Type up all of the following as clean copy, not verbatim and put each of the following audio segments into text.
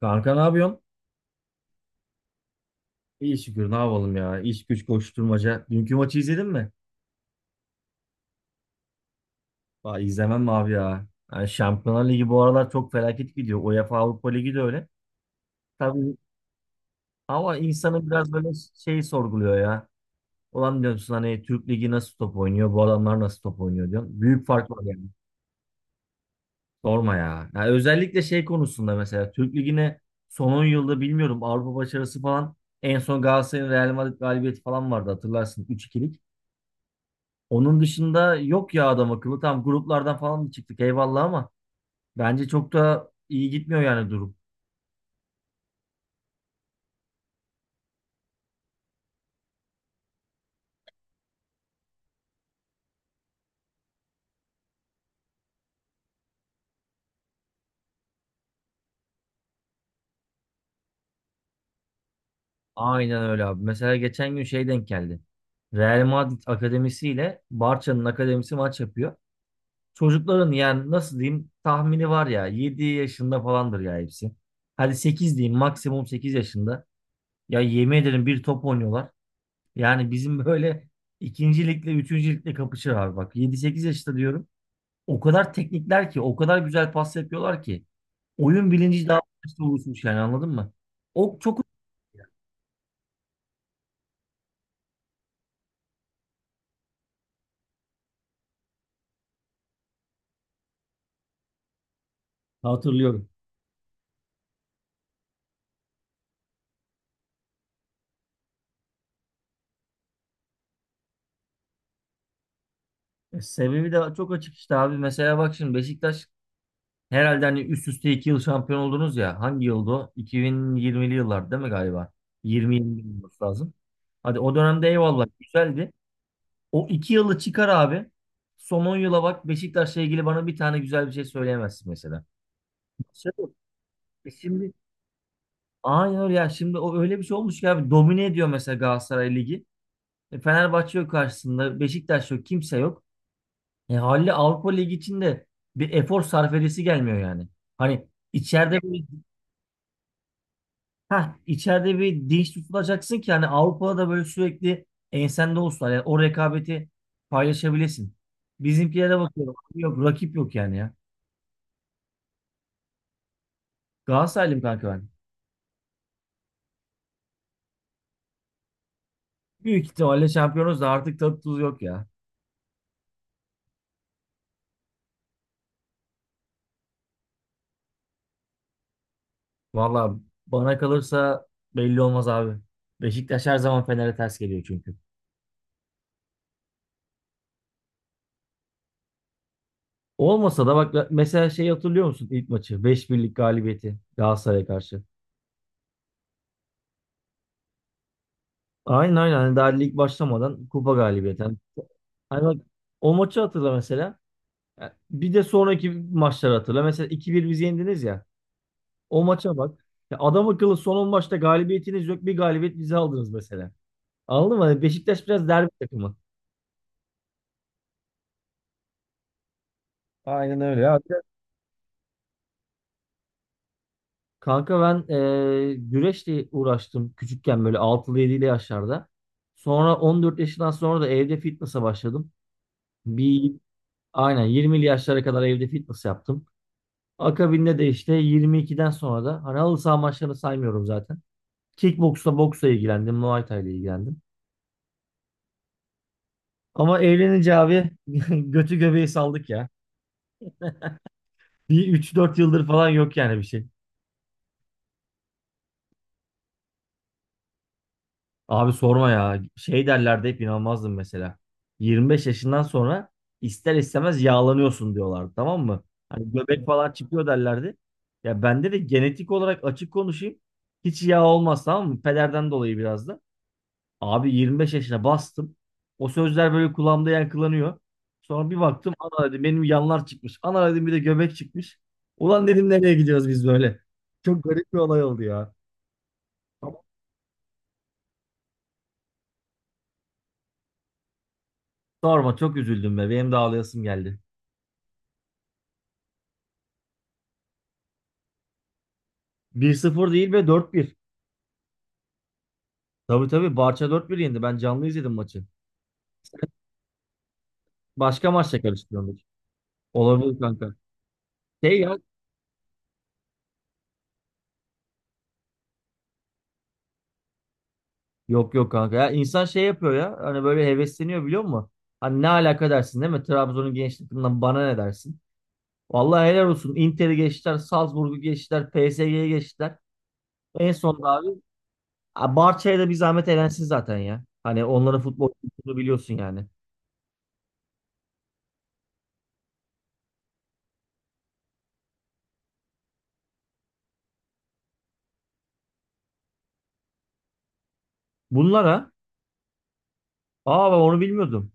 Kanka ne yapıyorsun? İyi şükür ne yapalım ya. İş güç koşturmaca. Dünkü maçı izledin mi? Aa, izlemem mi abi ya? Yani Şampiyonlar Ligi bu aralar çok felaket gidiyor. UEFA Avrupa Ligi de öyle. Tabii ama insanı biraz böyle şey sorguluyor ya. Ulan diyorsun hani Türk Ligi nasıl top oynuyor? Bu adamlar nasıl top oynuyor diyorsun. Büyük fark var yani. Sorma ya. Yani özellikle şey konusunda mesela Türk Ligi'ne son 10 yılda bilmiyorum Avrupa başarısı falan en son Galatasaray'ın Real Madrid galibiyeti falan vardı, hatırlarsın. 3-2'lik. Onun dışında yok ya adam akıllı. Tam gruplardan falan da çıktık eyvallah, ama bence çok da iyi gitmiyor yani durum. Aynen öyle abi. Mesela geçen gün şey denk geldi. Real Madrid Akademisi ile Barça'nın akademisi maç yapıyor. Çocukların yani nasıl diyeyim tahmini var ya 7 yaşında falandır ya hepsi. Hadi 8 diyeyim, maksimum 8 yaşında. Ya yemin ederim bir top oynuyorlar. Yani bizim böyle ikinci ligle üçüncü ligle kapışır abi bak. 7-8 yaşında diyorum. O kadar teknikler ki, o kadar güzel pas yapıyorlar ki. Oyun bilinci daha fazla oluşmuş, yani anladın mı? O çok hatırlıyorum. E, sebebi de çok açık işte abi. Mesela bak şimdi Beşiktaş herhalde hani üst üste 2 yıl şampiyon oldunuz ya. Hangi yıldı o? 2020'li yıllar değil mi galiba? 20-21 olması lazım. Hadi o dönemde eyvallah güzeldi. O 2 yılı çıkar abi. Son 10 yıla bak, Beşiktaş'la ilgili bana bir tane güzel bir şey söyleyemezsin mesela. Şey yok. E şimdi aynen öyle ya. Şimdi o öyle bir şey olmuş ki abi, domine ediyor mesela Galatasaray Ligi. E, Fenerbahçe yok karşısında. Beşiktaş yok. Kimse yok. E, haliyle Avrupa Ligi içinde bir efor sarf edesi gelmiyor yani. Hani içeride bir ha içeride bir dinç tutulacaksın ki hani Avrupa'da da böyle sürekli ensende olsunlar. Yani o rekabeti paylaşabilesin. Bizimkilere bakıyorum. Yok rakip yok yani ya. Galatasaraylıyım kanka ben. Büyük ihtimalle şampiyonuz da artık tadı tuzu yok ya. Valla bana kalırsa belli olmaz abi. Beşiktaş her zaman Fener'e ters geliyor çünkü. Olmasa da bak mesela şey hatırlıyor musun ilk maçı? 5-1'lik galibiyeti Galatasaray'a karşı. Aynen aynen. Hani daha lig başlamadan kupa galibiyeti. Hani, hani bak o maçı hatırla mesela. Ya, bir de sonraki maçları hatırla. Mesela 2-1 bizi yendiniz ya. O maça bak. Ya adam akıllı son 10 maçta galibiyetiniz yok. Bir galibiyet bize aldınız mesela. Anladın mı? Hani Beşiktaş biraz derbi takımı. Aynen öyle ya. Kanka ben güreşle uğraştım küçükken böyle 6'lı 7'li yaşlarda. Sonra 14 yaşından sonra da evde fitness'a başladım. Bir aynen 20'li yaşlara kadar evde fitness yaptım. Akabinde de işte 22'den sonra da hani halı saha maçlarını saymıyorum zaten. Kickboksla boksla ilgilendim, Muay Thai ile ilgilendim. Ama evlenince abi götü göbeği saldık ya. Bir 3-4 yıldır falan yok yani bir şey. Abi sorma ya. Şey derlerdi hep inanmazdım mesela. 25 yaşından sonra ister istemez yağlanıyorsun diyorlardı, tamam mı? Hani göbek falan çıkıyor derlerdi. Ya bende de genetik olarak açık konuşayım. Hiç yağ olmaz, tamam mı? Pederden dolayı biraz da. Abi 25 yaşına bastım. O sözler böyle kulağımda yankılanıyor. Sonra bir baktım ana dedim benim yanlar çıkmış. Ana dedim bir de göbek çıkmış. Ulan dedim nereye gidiyoruz biz böyle? Çok garip bir olay oldu ya. Sorma çok üzüldüm be. Benim de ağlayasım geldi. 1-0 değil ve 4-1. Tabii tabii Barça dört 1 yendi. Ben canlı izledim maçı. Başka maçla karıştırıyordur. Olabilir kanka. Şey ya. Yok yok kanka. Ya insan şey yapıyor ya. Hani böyle hevesleniyor biliyor musun? Hani ne alaka dersin değil mi? Trabzon'un genç takımından bana ne dersin? Vallahi helal olsun. Inter'i geçtiler. Salzburg'u geçtiler. PSG'yi geçtiler. En son da abi ha, Barça'ya da bir zahmet elensin zaten ya. Hani onların futbol kültürünü biliyorsun yani. Bunlara aa ben onu bilmiyordum.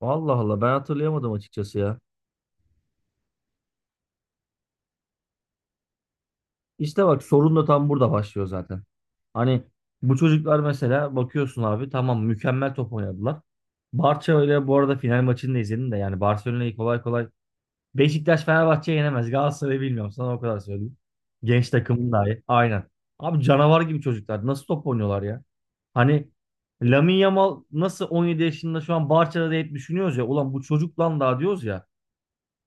Allah Allah, ben hatırlayamadım açıkçası ya. İşte bak sorun da tam burada başlıyor zaten. Hani bu çocuklar mesela bakıyorsun abi tamam, mükemmel top oynadılar. Barça öyle, bu arada final maçını da izledim de yani Barcelona'yı kolay kolay Beşiktaş Fenerbahçe'ye yenemez. Galatasaray'ı bilmiyorum, sana o kadar söyleyeyim. Genç takımın dahi aynen. Abi canavar gibi çocuklar nasıl top oynuyorlar ya? Hani Lamine Yamal nasıl 17 yaşında şu an Barça'da da hep düşünüyoruz ya ulan bu çocuk lan daha diyoruz ya.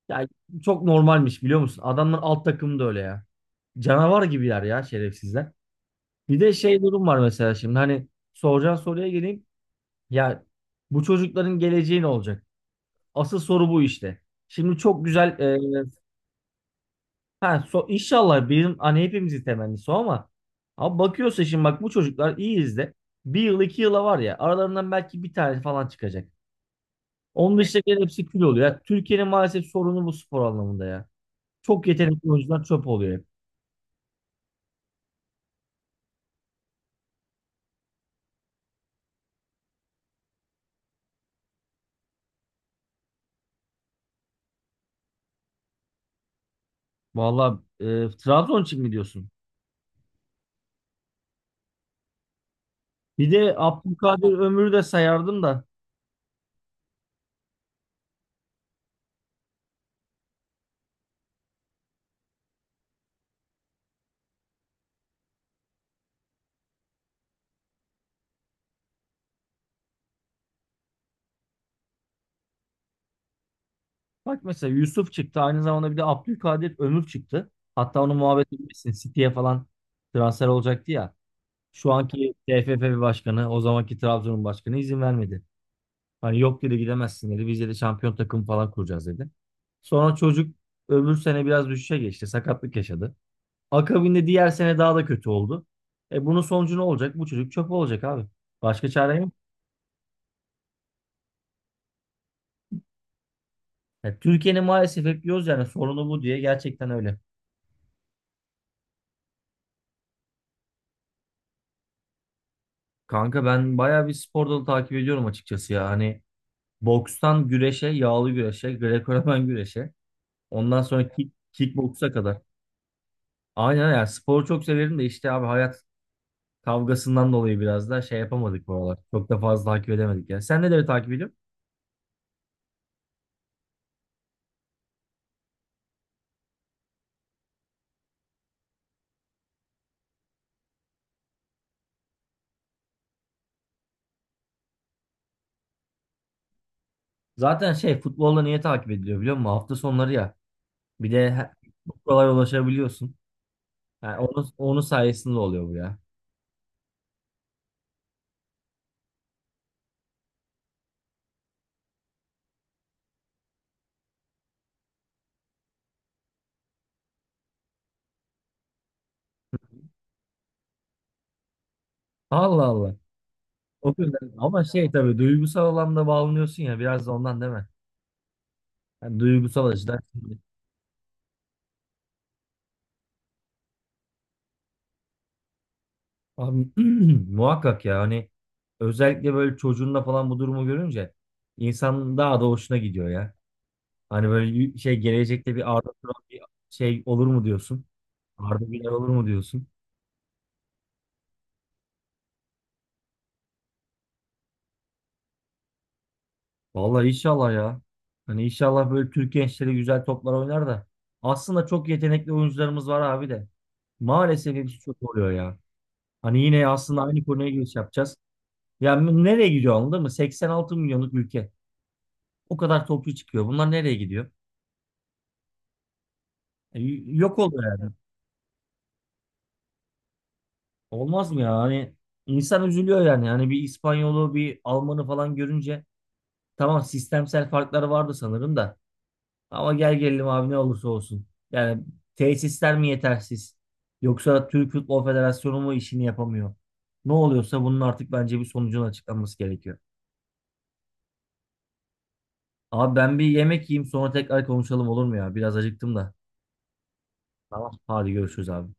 Ya çok normalmiş biliyor musun? Adamlar alt takım da öyle ya. Canavar gibiler ya şerefsizler. Bir de şey durum var mesela şimdi hani soracağın soruya geleyim. Ya bu çocukların geleceği ne olacak? Asıl soru bu işte. Şimdi çok güzel inşallah bizim hani hepimizin temennisi o ama bakıyorsa şimdi bak bu çocuklar iyi izle. Bir yıl iki yıla var ya aralarından belki bir tane falan çıkacak. Onun dışındakilerin hepsi kül oluyor. Ya, Türkiye'nin maalesef sorunu bu spor anlamında ya. Çok yetenekli oyuncular çöp oluyor hep. Vallahi Trabzon için mi diyorsun? Bir de Abdülkadir Ömür'ü de sayardım da. Bak mesela Yusuf çıktı. Aynı zamanda bir de Abdülkadir Ömür çıktı. Hatta onun muhabbeti bilirsin. City'ye falan transfer olacaktı ya. Şu anki TFF başkanı, o zamanki Trabzon'un başkanı izin vermedi. Hani yok dedi, gidemezsin dedi. Biz de şampiyon takım falan kuracağız dedi. Sonra çocuk öbür sene biraz düşüşe geçti. Sakatlık yaşadı. Akabinde diğer sene daha da kötü oldu. E bunun sonucu ne olacak? Bu çocuk çöp olacak abi. Başka çare yok. Ya Türkiye'nin maalesef hep diyoruz yani sorunu bu diye, gerçekten öyle. Kanka ben bayağı bir spor dalı takip ediyorum açıkçası ya. Hani bokstan güreşe, yağlı güreşe, Grekoromen güreşe. Ondan sonra kickboksa kadar. Aynen ya sporu çok severim de işte abi hayat kavgasından dolayı biraz da şey yapamadık bu aralar. Çok da fazla takip edemedik ya. Sen neleri takip ediyorsun? Zaten şey futbolla niye takip ediliyor biliyor musun? Hafta sonları ya. Bir de çok kolay ulaşabiliyorsun. Yani onun sayesinde oluyor bu ya. Allah Allah. O yüzden ama şey tabii duygusal alanda bağlanıyorsun ya biraz da ondan değil mi? Yani duygusal açıdan şimdi. Abi, muhakkak ya hani özellikle böyle çocuğunla falan bu durumu görünce insan daha da hoşuna gidiyor ya. Hani böyle şey gelecekte bir Arda Turan bir şey olur mu diyorsun? Arda Güler olur mu diyorsun? Vallahi inşallah ya. Hani inşallah böyle Türk gençleri güzel toplar oynar da. Aslında çok yetenekli oyuncularımız var abi de. Maalesef hepsi çok oluyor ya. Hani yine aslında aynı konuya giriş yapacağız. Yani nereye gidiyor anladın mı? 86 milyonluk ülke. O kadar toplu çıkıyor. Bunlar nereye gidiyor? E, yok oluyor yani. Olmaz mı ya? Hani insan üzülüyor yani. Hani bir İspanyolu, bir Almanı falan görünce tamam, sistemsel farklar vardı sanırım da. Ama gel gelelim abi, ne olursa olsun. Yani tesisler mi yetersiz? Yoksa Türk Futbol Federasyonu mu işini yapamıyor? Ne oluyorsa bunun artık bence bir sonucun açıklanması gerekiyor. Abi ben bir yemek yiyeyim sonra tekrar konuşalım olur mu ya? Biraz acıktım da. Tamam. Hadi görüşürüz abi.